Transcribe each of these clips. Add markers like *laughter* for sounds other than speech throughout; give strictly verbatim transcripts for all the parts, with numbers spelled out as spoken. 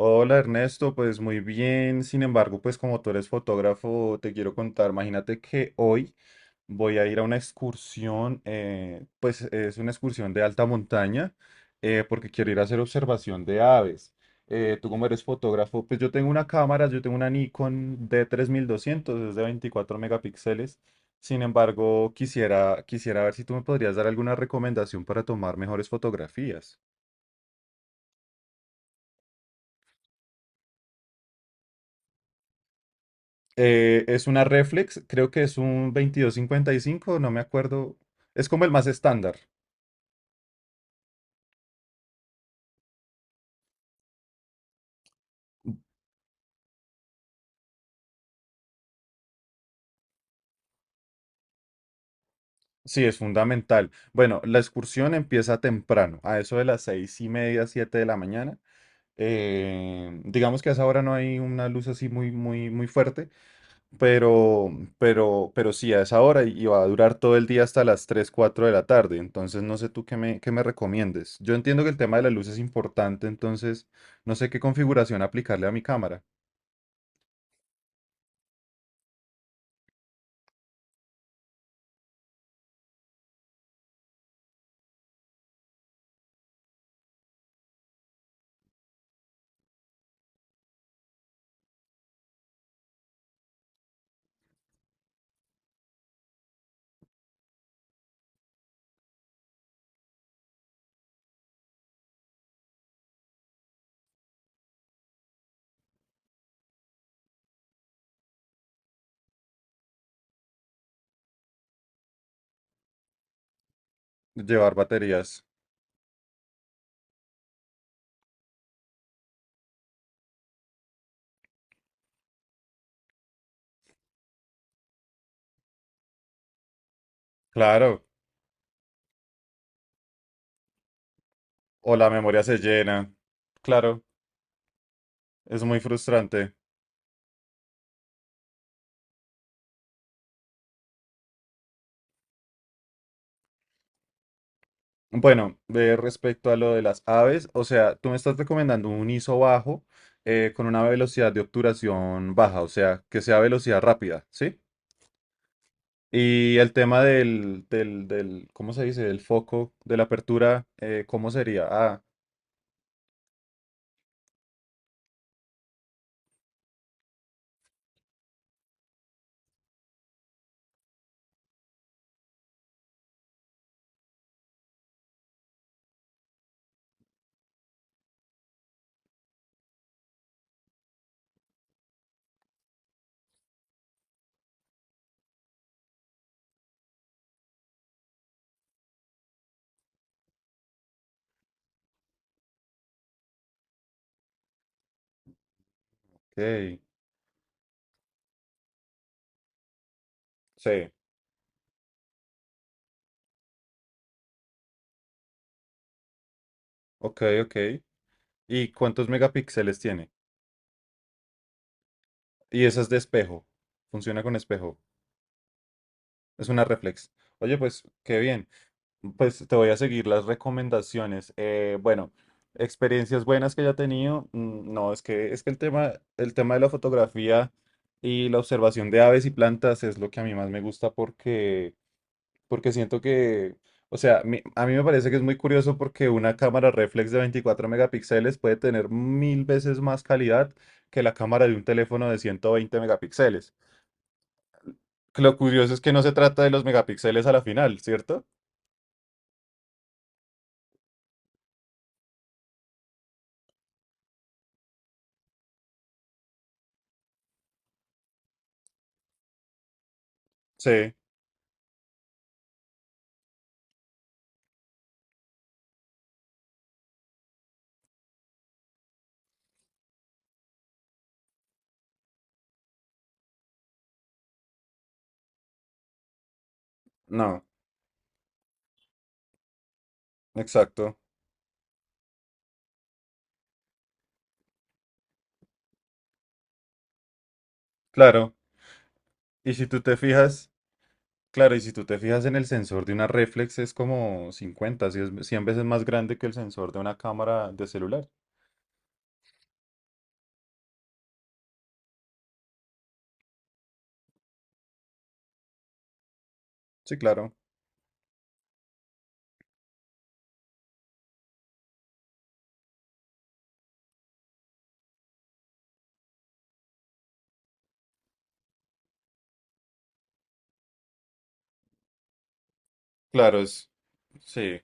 Hola Ernesto, pues muy bien. Sin embargo, pues como tú eres fotógrafo, te quiero contar. Imagínate que hoy voy a ir a una excursión, eh, pues es una excursión de alta montaña, eh, porque quiero ir a hacer observación de aves. Eh, tú como eres fotógrafo, pues yo tengo una cámara, yo tengo una Nikon d tres mil doscientos, es de veinticuatro megapíxeles. Sin embargo, quisiera, quisiera ver si tú me podrías dar alguna recomendación para tomar mejores fotografías. Eh, es una reflex, creo que es un veintidós cincuenta y cinco, no me acuerdo. Es como el más estándar. Sí, es fundamental. Bueno, la excursión empieza temprano, a eso de las seis y media, siete de la mañana. Eh, digamos que a esa hora no hay una luz así muy, muy, muy fuerte, pero, pero, pero sí, a esa hora y y va a durar todo el día hasta las tres cuatro de la tarde. Entonces, no sé tú qué me, qué me, recomiendes. Yo entiendo que el tema de la luz es importante, entonces no sé qué configuración aplicarle a mi cámara. Llevar baterías. Claro. O la memoria se llena. Claro. Es muy frustrante. Bueno, de respecto a lo de las aves, o sea, tú me estás recomendando un ISO bajo eh, con una velocidad de obturación baja, o sea, que sea velocidad rápida, ¿sí? Y el tema del, del, del, ¿cómo se dice? Del foco, de la apertura, eh, ¿cómo sería? Ah, ok. Sí. Ok, ok. ¿Y cuántos megapíxeles tiene? Y esa es de espejo. Funciona con espejo. Es una reflex. Oye, pues qué bien. Pues te voy a seguir las recomendaciones. Eh, bueno, experiencias buenas que haya tenido. mm, No, es que es que el tema, el tema de la fotografía y la observación de aves y plantas es lo que a mí más me gusta porque, porque siento que, o sea, mi- a mí me parece que es muy curioso porque una cámara reflex de veinticuatro megapíxeles puede tener mil veces más calidad que la cámara de un teléfono de ciento veinte megapíxeles. Lo curioso es que no se trata de los megapíxeles a la final, ¿cierto? Sí, no, exacto, claro. Y si tú te fijas, Claro, y si tú te fijas en el sensor de una reflex es como cincuenta, 100 ve- cien veces más grande que el sensor de una cámara de celular. Sí, claro, claro, es, sí,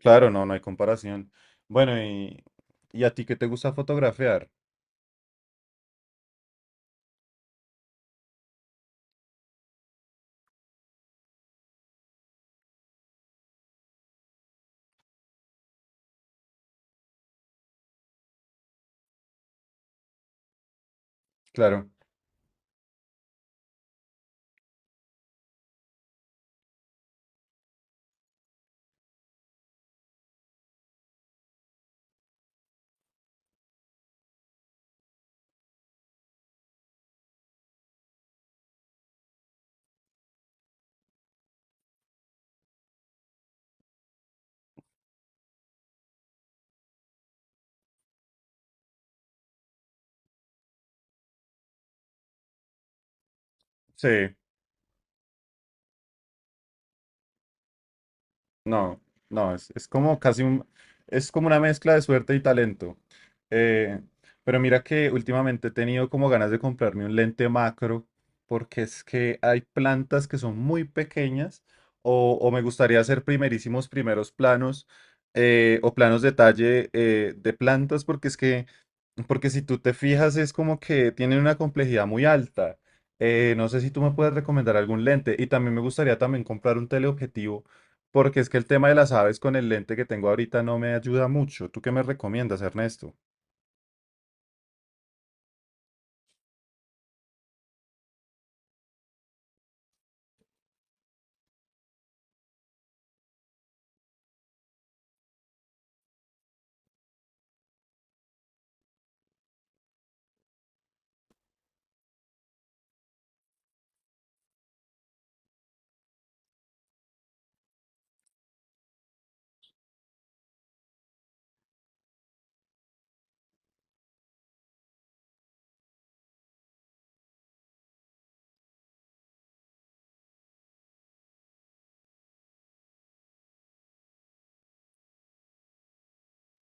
claro, no, no hay comparación. Bueno, y, ¿y a ti qué te gusta fotografiar? Claro, sí. No, no, es, es como casi un, es como una mezcla de suerte y talento. Eh, pero mira que últimamente he tenido como ganas de comprarme un lente macro, porque es que hay plantas que son muy pequeñas, o, o me gustaría hacer primerísimos primeros planos, eh, o planos detalle eh, de plantas, porque es que porque si tú te fijas, es como que tienen una complejidad muy alta. Eh, no sé si tú me puedes recomendar algún lente. Y también me gustaría también comprar un teleobjetivo, porque es que el tema de las aves con el lente que tengo ahorita no me ayuda mucho. ¿Tú qué me recomiendas, Ernesto?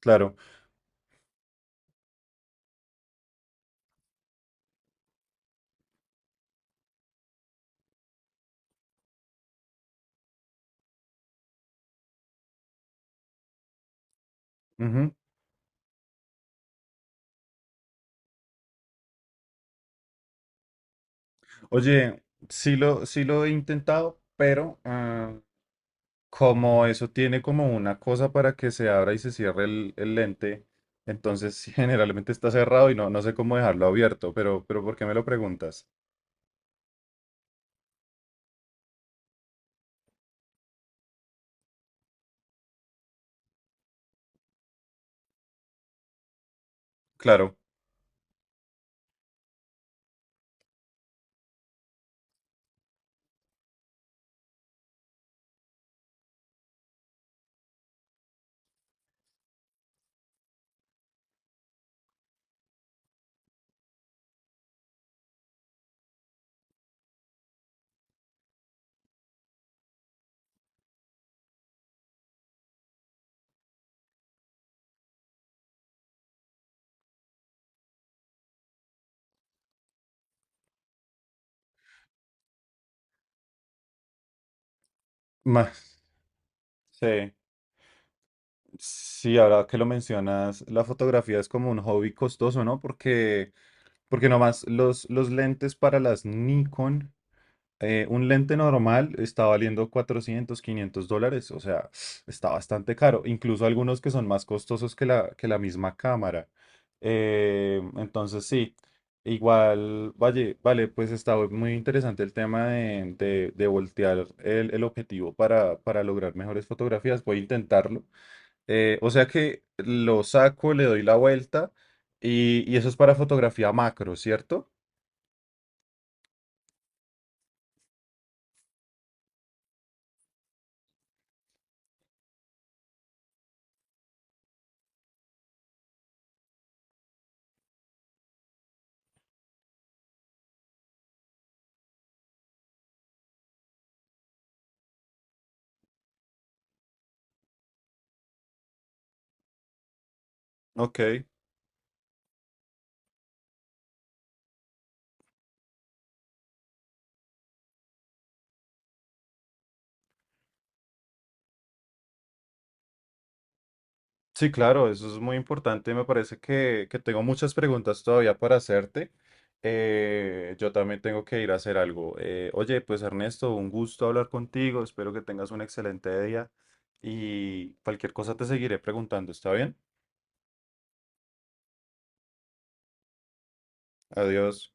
Claro. Ujú. Oye, sí lo, sí lo he intentado, pero ah, como eso tiene como una cosa para que se abra y se cierre el, el, lente, entonces *laughs* generalmente está cerrado y no, no sé cómo dejarlo abierto, pero, pero ¿por qué me lo preguntas? Claro. Más, sí, sí, ahora que lo mencionas, la fotografía es como un hobby costoso, ¿no? Porque, porque nomás los, los lentes para las Nikon eh, un lente normal está valiendo cuatrocientos quinientos dólares, o sea, está bastante caro. Incluso algunos que son más costosos que la, que la, misma cámara. Eh, entonces, sí, igual, vale, vale, pues está muy interesante el tema de, de- de voltear el, el, objetivo para, para lograr mejores fotografías. Voy a intentarlo. Eh, o sea que lo saco, le doy la vuelta y, y eso es para fotografía macro, ¿cierto? Ok. Sí, claro, eso es muy importante. Me parece que, que tengo muchas preguntas todavía para hacerte. Eh, yo también tengo que ir a hacer algo. Eh, oye, pues Ernesto, un gusto hablar contigo. Espero que tengas un excelente día y cualquier cosa te seguiré preguntando. ¿Está bien? Adiós.